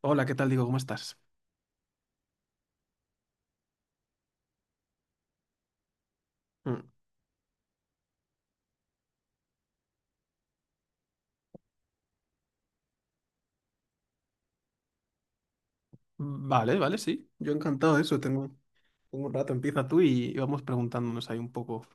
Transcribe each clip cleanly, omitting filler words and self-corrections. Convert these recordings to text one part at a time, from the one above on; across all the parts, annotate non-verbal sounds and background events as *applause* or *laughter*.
Hola, ¿qué tal? Digo, ¿cómo estás? Mm. Vale, vale, sí. Yo encantado de eso. Tengo un rato. Empieza tú y vamos preguntándonos ahí un poco.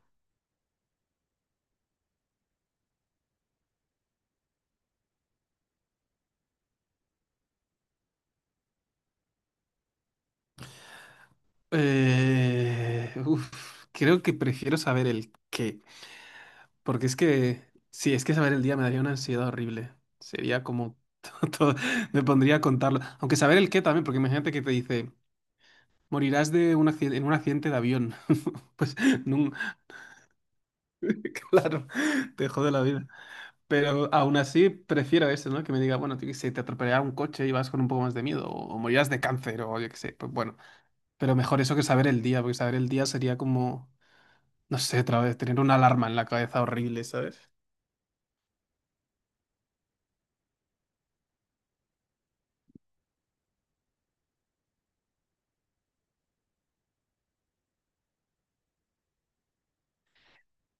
Uf, creo que prefiero saber el qué. Porque es que, sí, es que saber el día me daría una ansiedad horrible. Sería como *laughs* todo, me pondría a contarlo. Aunque saber el qué también, porque imagínate que te dice, morirás de un accidente, en un accidente de avión. *laughs* Pues, nun- *laughs* claro, te jode la vida. Pero aún así prefiero eso, ¿no? Que me diga, bueno, yo qué sé, te atropellará un coche y vas con un poco más de miedo, o morirás de cáncer, o yo qué sé, pues bueno. Pero mejor eso que saber el día, porque saber el día sería como, no sé, otra vez, tener una alarma en la cabeza horrible, ¿sabes?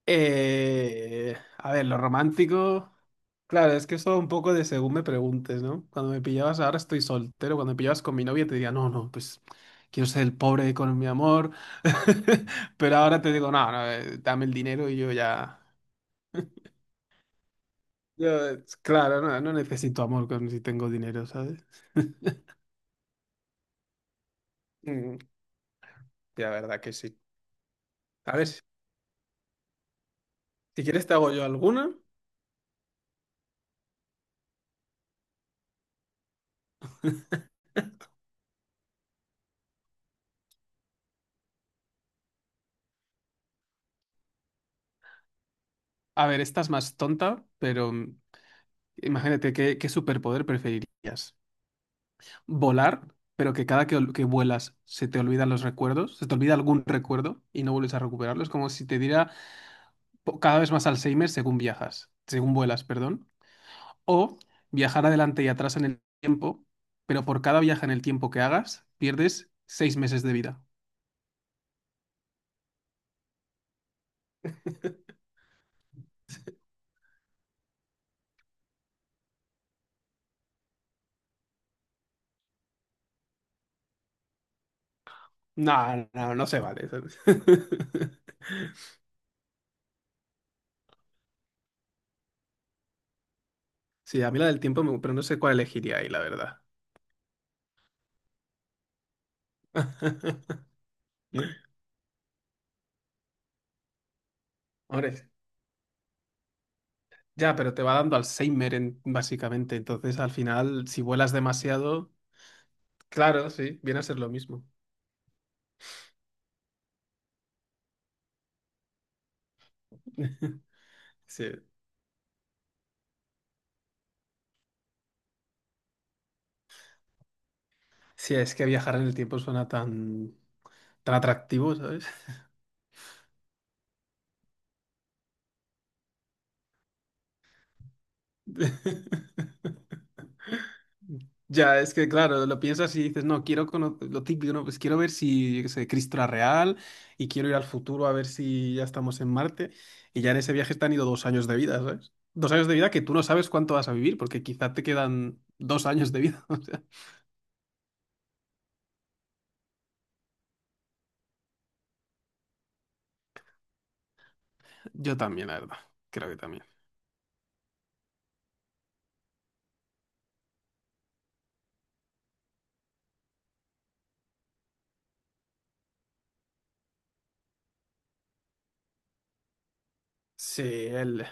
A ver, lo romántico. Claro, es que eso un poco de según me preguntes, ¿no? Cuando me pillabas ahora estoy soltero, cuando me pillabas con mi novia te diría, no, no, pues quiero ser el pobre con mi amor. *laughs* Pero ahora te digo, no, no, dame el dinero y yo ya. Yo, claro, no, no necesito amor con si tengo dinero, ¿sabes? Mm, ya, verdad que sí. A ver, si quieres te hago yo alguna. A ver, esta es más tonta, pero mm, imagínate qué superpoder preferirías. Volar, pero que cada que vuelas se te olvidan los recuerdos, se te olvida algún recuerdo y no vuelves a recuperarlo. Es como si te diera cada vez más Alzheimer según viajas, según vuelas, perdón. O viajar adelante y atrás en el tiempo, pero por cada viaje en el tiempo que hagas, pierdes 6 meses de vida. No, no, no se vale. *laughs* Sí, a mí la del tiempo, pero no sé cuál elegiría ahí, la verdad. *laughs* Hombre, ya, pero te va dando Alzheimer, básicamente. Entonces, al final, si vuelas demasiado, claro, sí, viene a ser lo mismo. *laughs* Sí. Sí, es que viajar en el tiempo suena tan, tan atractivo, ¿sabes? *laughs* Ya, es que claro, lo piensas y dices, no, quiero conocer lo típico, no, pues quiero ver si, yo qué sé, Cristo era real y quiero ir al futuro a ver si ya estamos en Marte. Y ya en ese viaje te han ido 2 años de vida, ¿sabes? 2 años de vida que tú no sabes cuánto vas a vivir, porque quizá te quedan 2 años de vida. *laughs* O sea, yo también, la verdad. Creo que también. Sí, el...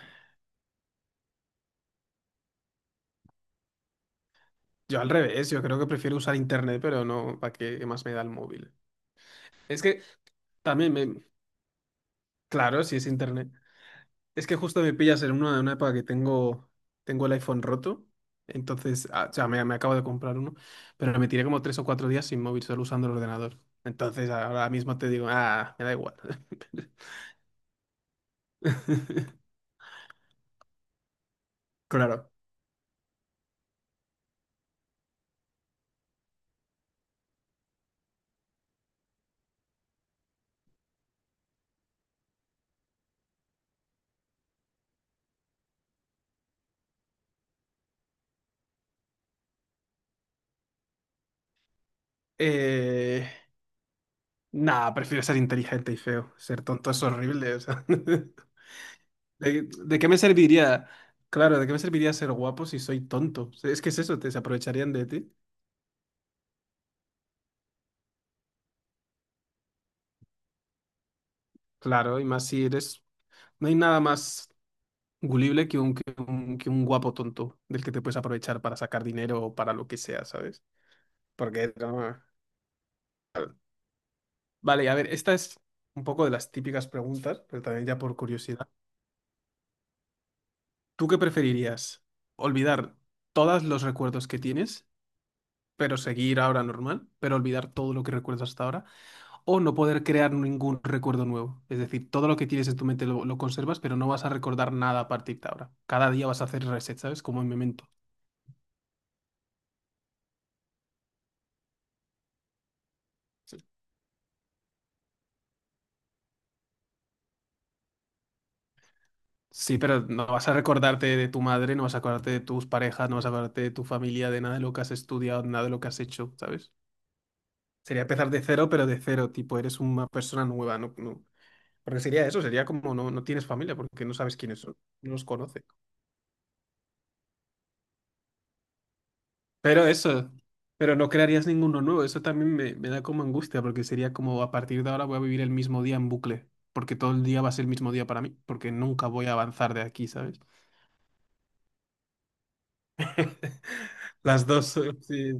yo al revés, yo creo que prefiero usar internet, pero no, ¿para qué, qué más me da el móvil? Es que también me... Claro, si es internet. Es que justo me pillas en una época que tengo, tengo el iPhone roto. Entonces, ah, o sea, me acabo de comprar uno, pero me tiré como 3 o 4 días sin móvil, solo usando el ordenador. Entonces, ahora mismo te digo, ah, me da igual. *laughs* Claro. Eh, nah, prefiero ser inteligente y feo. Ser tonto es horrible, o sea. *laughs* ¿De qué me serviría? Claro, ¿de qué me serviría ser guapo si soy tonto? O sea, es que es eso, te se aprovecharían de ti. Claro, y más si eres... No hay nada más gulible que un guapo tonto del que te puedes aprovechar para sacar dinero o para lo que sea, ¿sabes? Porque... vale, a ver, esta es un poco de las típicas preguntas, pero también ya por curiosidad. ¿Tú qué preferirías? ¿Olvidar todos los recuerdos que tienes, pero seguir ahora normal, pero olvidar todo lo que recuerdas hasta ahora? ¿O no poder crear ningún recuerdo nuevo? Es decir, todo lo que tienes en tu mente lo conservas, pero no vas a recordar nada a partir de ahora. Cada día vas a hacer reset, ¿sabes? Como en Memento. Sí, pero no vas a recordarte de tu madre, no vas a acordarte de tus parejas, no vas a acordarte de tu familia, de nada de lo que has estudiado, nada de lo que has hecho, ¿sabes? Sería empezar de cero, pero de cero, tipo, eres una persona nueva, no, no. Porque sería eso, sería como no, no tienes familia porque no sabes quiénes son, no los conoces. Pero eso, pero no crearías ninguno nuevo, eso también me da como angustia, porque sería como a partir de ahora voy a vivir el mismo día en bucle, porque todo el día va a ser el mismo día para mí, porque nunca voy a avanzar de aquí, ¿sabes? *laughs* Las dos, sí,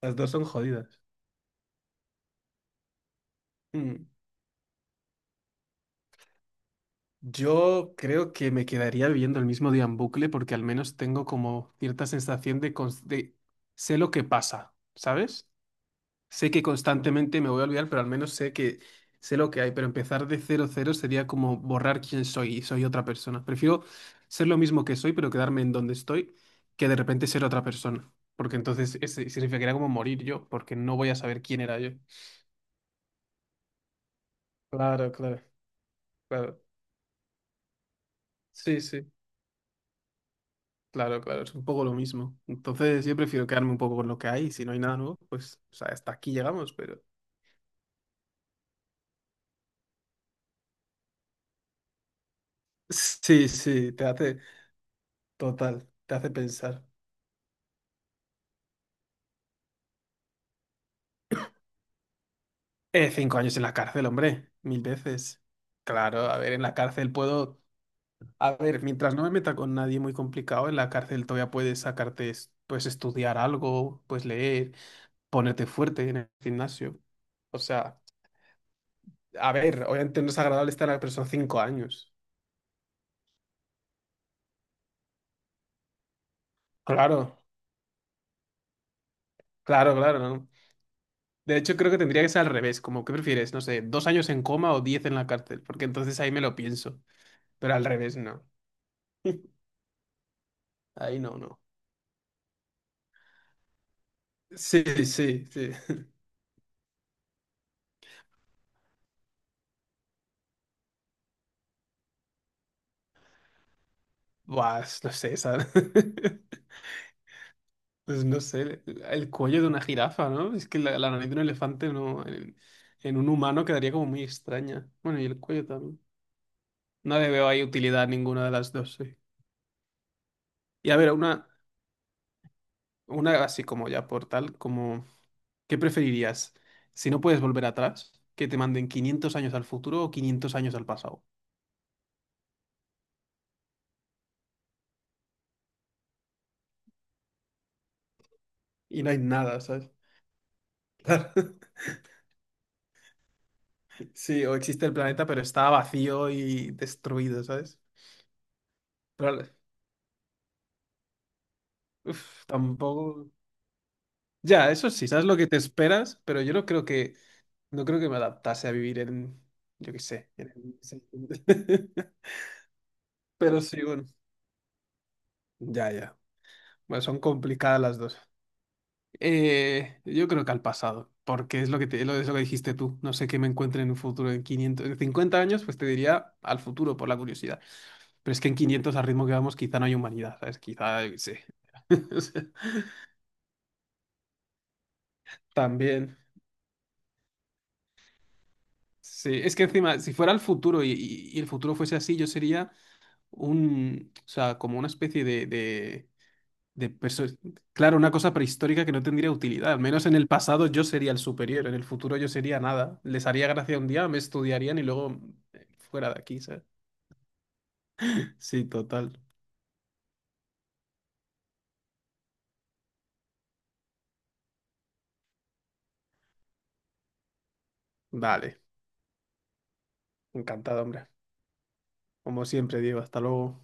las dos son jodidas. Mm. Yo creo que me quedaría viviendo el mismo día en bucle porque al menos tengo como cierta sensación sé lo que pasa, ¿sabes? Sé que constantemente me voy a olvidar, pero al menos sé que sé lo que hay. Pero empezar de cero cero sería como borrar quién soy y soy otra persona. Prefiero ser lo mismo que soy, pero quedarme en donde estoy, que de repente ser otra persona. Porque entonces ese significaría como morir yo, porque no voy a saber quién era yo. Claro, claro, claro. Sí, sí. Claro, claro, es un poco lo mismo. Entonces, yo prefiero quedarme un poco con lo que hay. Si no hay nada nuevo, pues, o sea, hasta aquí llegamos, pero. *laughs* Sí, sí, te hace. Total, te hace pensar. 5 años en la cárcel, hombre, mil veces. Claro, a ver, en la cárcel puedo. A ver, mientras no me meta con nadie muy complicado, en la cárcel todavía puedes sacarte, pues, estudiar algo, pues, leer, ponerte fuerte en el gimnasio. O sea, a ver, obviamente no es agradable estar, pero son 5 años. Claro, claro, claro, ¿no? De hecho, creo que tendría que ser al revés, como ¿qué prefieres? No sé, 2 años en coma o 10 en la cárcel, porque entonces ahí me lo pienso, pero al revés no. *laughs* Ahí no, no. Sí, sí, sí. *laughs* Buah, no sé, esa... *laughs* Pues no sé, el cuello de una jirafa, ¿no? Es que la nariz de un elefante no, en un humano quedaría como muy extraña. Bueno, y el cuello también. No le veo ahí utilidad a ninguna de las dos, sí. Y a ver, una así como ya por tal, como... ¿Qué preferirías? Si no puedes volver atrás, que te manden 500 años al futuro o 500 años al pasado. Y no hay nada, ¿sabes? Claro. *laughs* Sí, o existe el planeta, pero está vacío y destruido, ¿sabes? Pero, uf, tampoco. Ya, eso sí, sabes lo que te esperas, pero yo no creo que, no creo que me adaptase a vivir en, yo qué sé, el- *laughs* Pero sí, bueno, ya, ya. Bueno, son complicadas las dos. Yo creo que al pasado, porque es lo que es lo que dijiste tú. No sé qué me encuentre en un futuro en 500 en 50 años, pues te diría al futuro por la curiosidad. Pero es que en 500 al ritmo que vamos, quizá no hay humanidad, ¿sabes? Quizá, yo qué sé. *laughs* O sea, también. Sí, es que encima, si fuera el futuro y el futuro fuese así, yo sería un, o sea, como una especie de, De perso- claro, una cosa prehistórica que no tendría utilidad. Al menos en el pasado yo sería el superior, en el futuro yo sería nada. Les haría gracia un día, me estudiarían y luego fuera de aquí, ¿sabes? Sí, total. Dale, encantado, hombre. Como siempre, Diego, hasta luego.